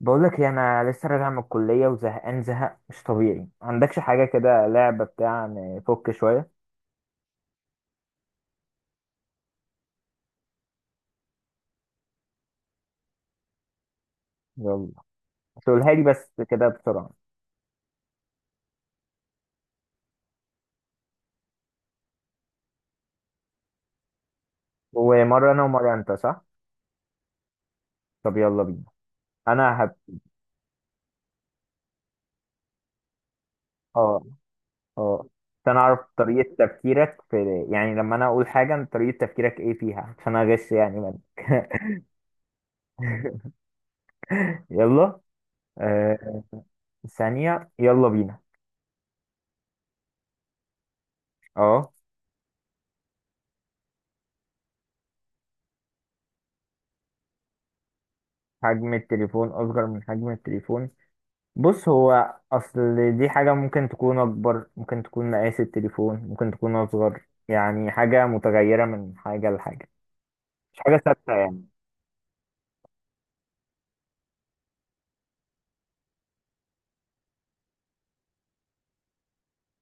بقول لك ايه، انا لسه راجع من الكليه وزهقان زهق مش طبيعي. ما عندكش حاجه كده لعبه بتاع نفك شويه؟ يلا، تقولها لي بس كده بسرعه. ومره انا ومره انت، صح؟ طب يلا بينا. انا هب. اه، اه، عشان اعرف طريقه تفكيرك في، يعني لما انا اقول حاجه انت طريقه تفكيرك ايه فيها، عشان اغش يعني منك. يلا. آه ثانيه، يلا بينا. اه. حجم التليفون اصغر من حجم التليفون. بص، هو اصل دي حاجة ممكن تكون اكبر، ممكن تكون مقاس التليفون، ممكن تكون اصغر، يعني حاجة متغيرة من حاجة لحاجة. مش حاجة ثابتة يعني.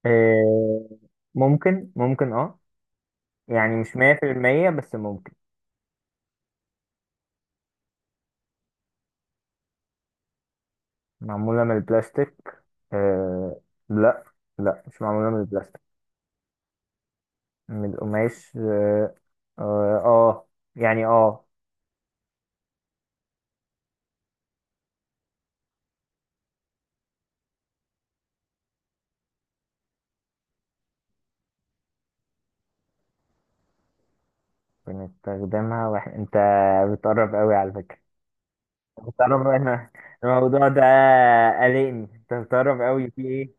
آه، ممكن، اه. يعني مش مية في المية، بس ممكن. معمولة من البلاستيك؟ آه، لا، لا، مش معمولة من البلاستيك. من القماش، اه. آه، آه، يعني اه. بنستخدمها واحنا، انت بتقرب قوي على فكرة. بتعرف انا الموضوع ده قلقني، انت بتعرف قوي في ايه.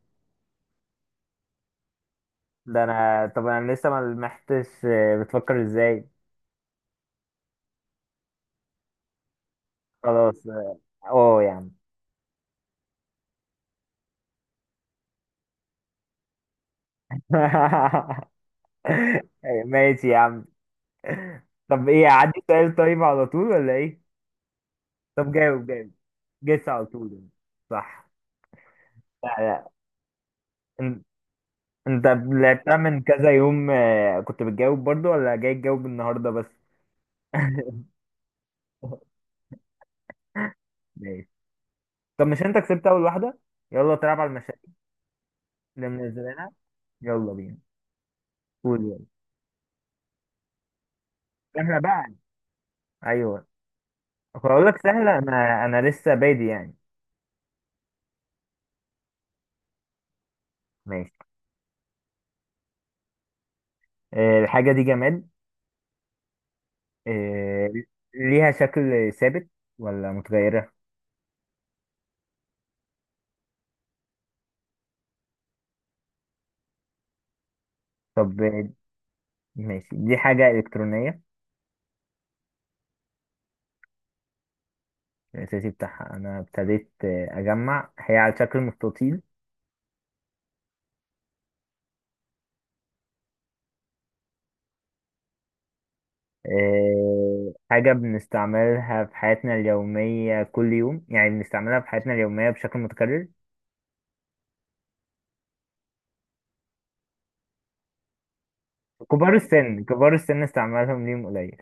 ده انا طب انا لسه ما لمحتش، بتفكر ازاي. خلاص اه. آه يا عم. ماشي يا عم. طب ايه، عندي سؤال، طيب على طول ولا ايه؟ طب جاوب جاوب. جس على طول يعني. صح؟ لا، لا. ان- انت لعبتها من كذا يوم، كنت بتجاوب برضو ولا جاي تجاوب النهارده بس؟ ماشي. طب مش انت كسبت اول واحده؟ يلا تلعب على المشاكل اللي منزلها، يلا بينا. قول يلا. سهلة بقى. ايوه. اقول لك سهلة، انا لسه بادي يعني. ماشي. الحاجة دي جماد؟ آه، ليها شكل ثابت ولا متغيرة؟ طب ماشي، دي حاجة إلكترونية. الأساسي بتاعها أنا ابتديت أجمع. هي على شكل مستطيل. حاجة بنستعملها في حياتنا اليومية كل يوم، يعني بنستعملها في حياتنا اليومية بشكل متكرر. كبار السن، كبار السن استعمالهم ليهم قليل.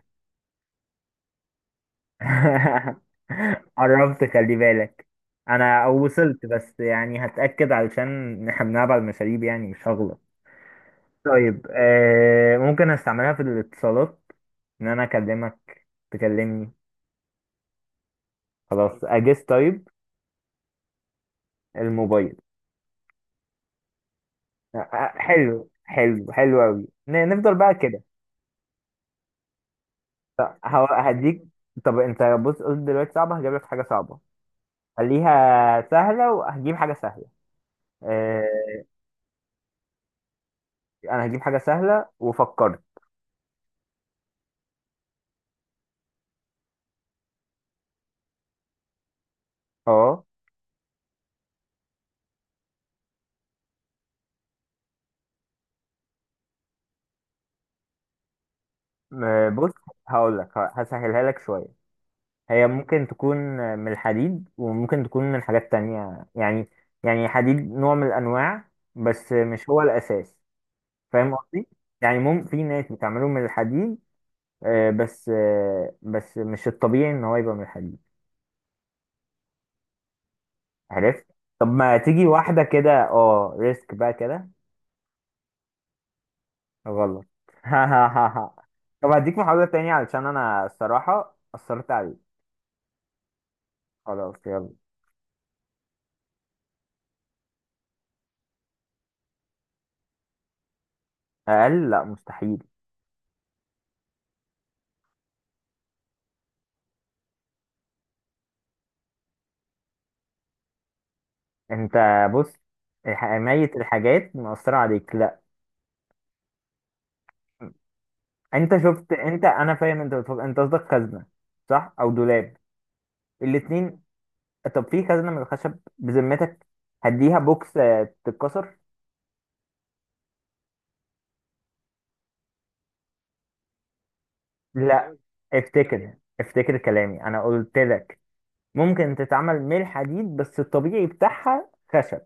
قربت، خلي بالك. انا وصلت، بس يعني هتأكد علشان احنا بنلعب على المشاريب، يعني مش هغلط. طيب، ممكن استعملها في الاتصالات، ان انا اكلمك تكلمني. خلاص، اجس طيب. الموبايل. آه، آه، حلو حلو حلو قوي، نفضل بقى كده. طب هديك. طب انت بص، قلت دلوقتي صعبة هجيب لك حاجة صعبة. خليها سهلة وهجيب حاجة سهلة. آه انا هجيب حاجة سهلة، وفكرت. اه. بص هقول لك، هسهلها لك شوية. هي ممكن تكون من الحديد، وممكن تكون من حاجات تانية يعني. يعني حديد نوع من الأنواع، بس مش هو الأساس. فاهم قصدي؟ يعني في ناس بتعمله من الحديد، بس مش الطبيعي إن هو يبقى من الحديد. عرفت؟ طب ما تيجي واحدة كده، اه، ريسك بقى كده. غلط. طب هديك محاولة تانية، علشان أنا الصراحة أثرت عليك. خلاص يلا. أقل؟ لا، مستحيل. انت بص، ميت الحاجات مأثرة عليك، لا. انت شفت؟ انت، انا فاهم انت بتفكر، انت قصدك خزنة، صح، او دولاب. الاتنين. طب في خزنة من الخشب بذمتك؟ هديها بوكس تتكسر. لا، افتكر، افتكر كلامي، انا قلت لك ممكن تتعمل من الحديد، بس الطبيعي بتاعها خشب.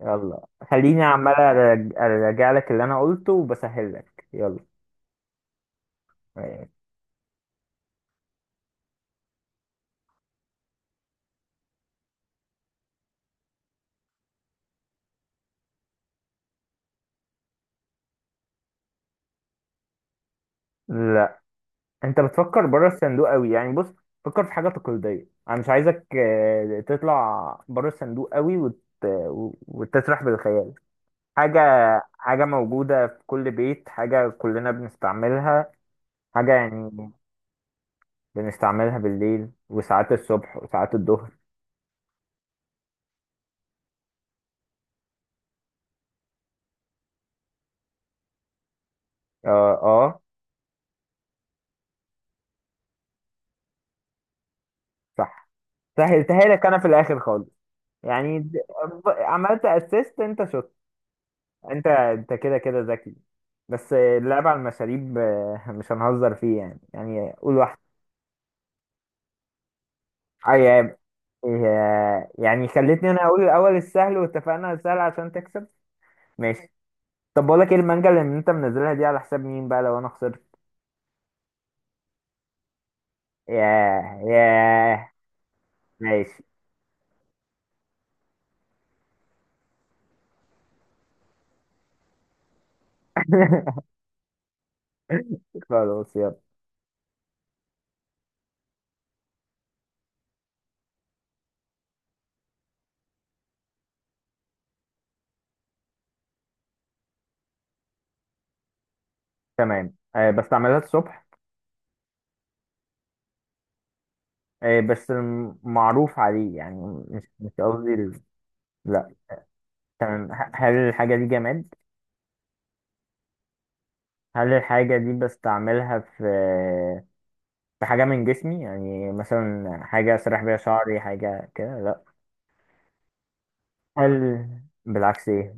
يلا، خليني عمال ارجع لك اللي انا قلته وبسهل لك. يلا. انت بتفكر بره الصندوق قوي يعني. بص، فكر في حاجه تقليديه، انا مش عايزك تطلع بره الصندوق قوي وتسرح بالخيال. حاجه حاجه موجوده في كل بيت، حاجه كلنا بنستعملها، حاجه يعني. بنستعملها بالليل وساعات الصبح وساعات الظهر. اه، اه، صح. سهلتها لك انا في الاخر خالص. يعني عملت اسيست، انت شاطر. انت كده كده ذكي. بس اللعب على المشاريب مش هنهزر فيه يعني قول واحد. عيب. إيه، يعني خليتني انا اقول الاول السهل، واتفقنا على السهل عشان تكسب. ماشي. طب بقول لك ايه، المانجا اللي انت منزلها دي على حساب مين بقى لو انا خسرت؟ ياه، ياه. ماشي. خلاص يلا. تمام، بس اعملها الصبح، بس المعروف عليه يعني. مش قصدي لا. تمام، هل الحاجة دي جماد؟ هل الحاجة دي بستعملها في حاجة من جسمي؟ يعني مثلا حاجة أسرح بيها شعري، حاجة كده؟ لأ. هل بالعكس إيه؟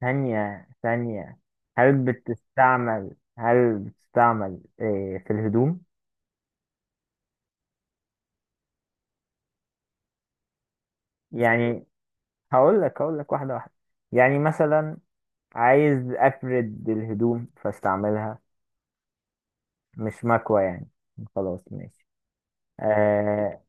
ثانية، ثانية. هل بتستعمل إيه في الهدوم؟ يعني هقول لك واحدة واحدة. يعني مثلا، عايز أفرد الهدوم فاستعملها. مش مكوى يعني؟ خلاص ماشي. آه،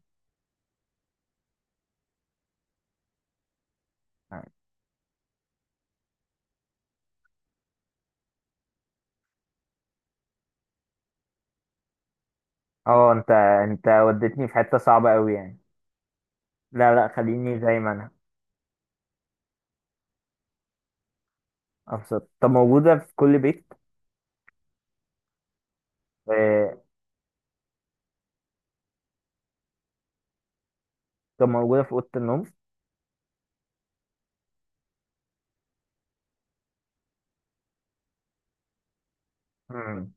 اه، انت وديتني في حتة صعبة قوي يعني. لا، لا، خليني زي ما انا. أبسط؟ طب موجودة في كل بيت. آه، طب موجودة في أوضة النوم؟ مم.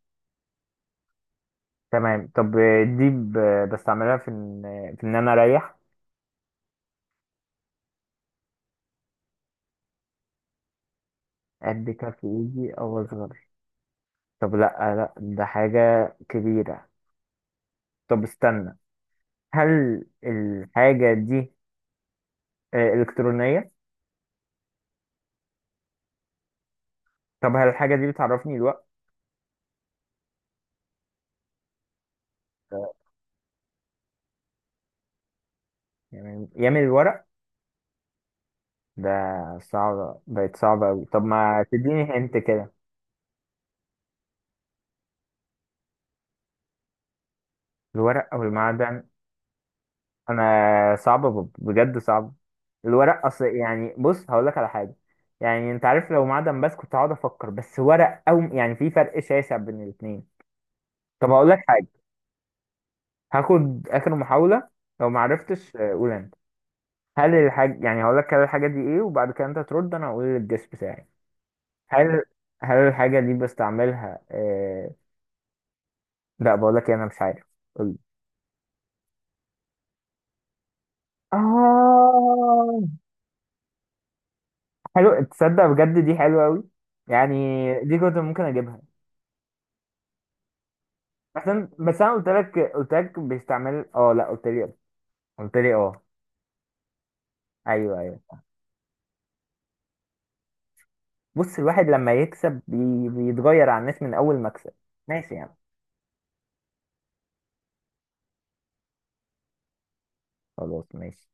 تمام، طب دي بستعملها في إن أنا أريح؟ قد كف إيدي أو أصغر؟ طب لأ، لأ، ده حاجة كبيرة. طب استنى، هل الحاجة دي إلكترونية؟ طب هل الحاجة دي بتعرفني الوقت؟ آه، يعني يعمل الورق ده؟ صعب، بقت صعبة أوي، طب ما تديني هنت كده. الورق أو المعدن؟ انا صعبه، بجد صعب. الورق اصل، يعني بص هقول لك على حاجه، يعني انت عارف لو معدن بس كنت هقعد افكر، بس ورق او، يعني في فرق شاسع بين الاثنين. طب هقول لك حاجه، هاخد اخر محاوله، لو ما عرفتش قول انت. هل الحاجه يعني هقول لك كده، الحاجه دي ايه، وبعد كده انت ترد، انا هقول الجس بتاعي. هل هل الحاجه دي بستعملها لا بقول لك إيه، انا مش عارف. قول لي. اه. حلو، تصدق بجد دي حلوه قوي. يعني دي كنت ممكن اجيبها. احنا بس انا قلت لك بيستعمل، اه لا، قلت لي. قلت لي اه. ايوه، ايوه. بص، الواحد لما يكسب بيتغير على الناس من اول مكسب. ماشي يعني. خلاص ماشي.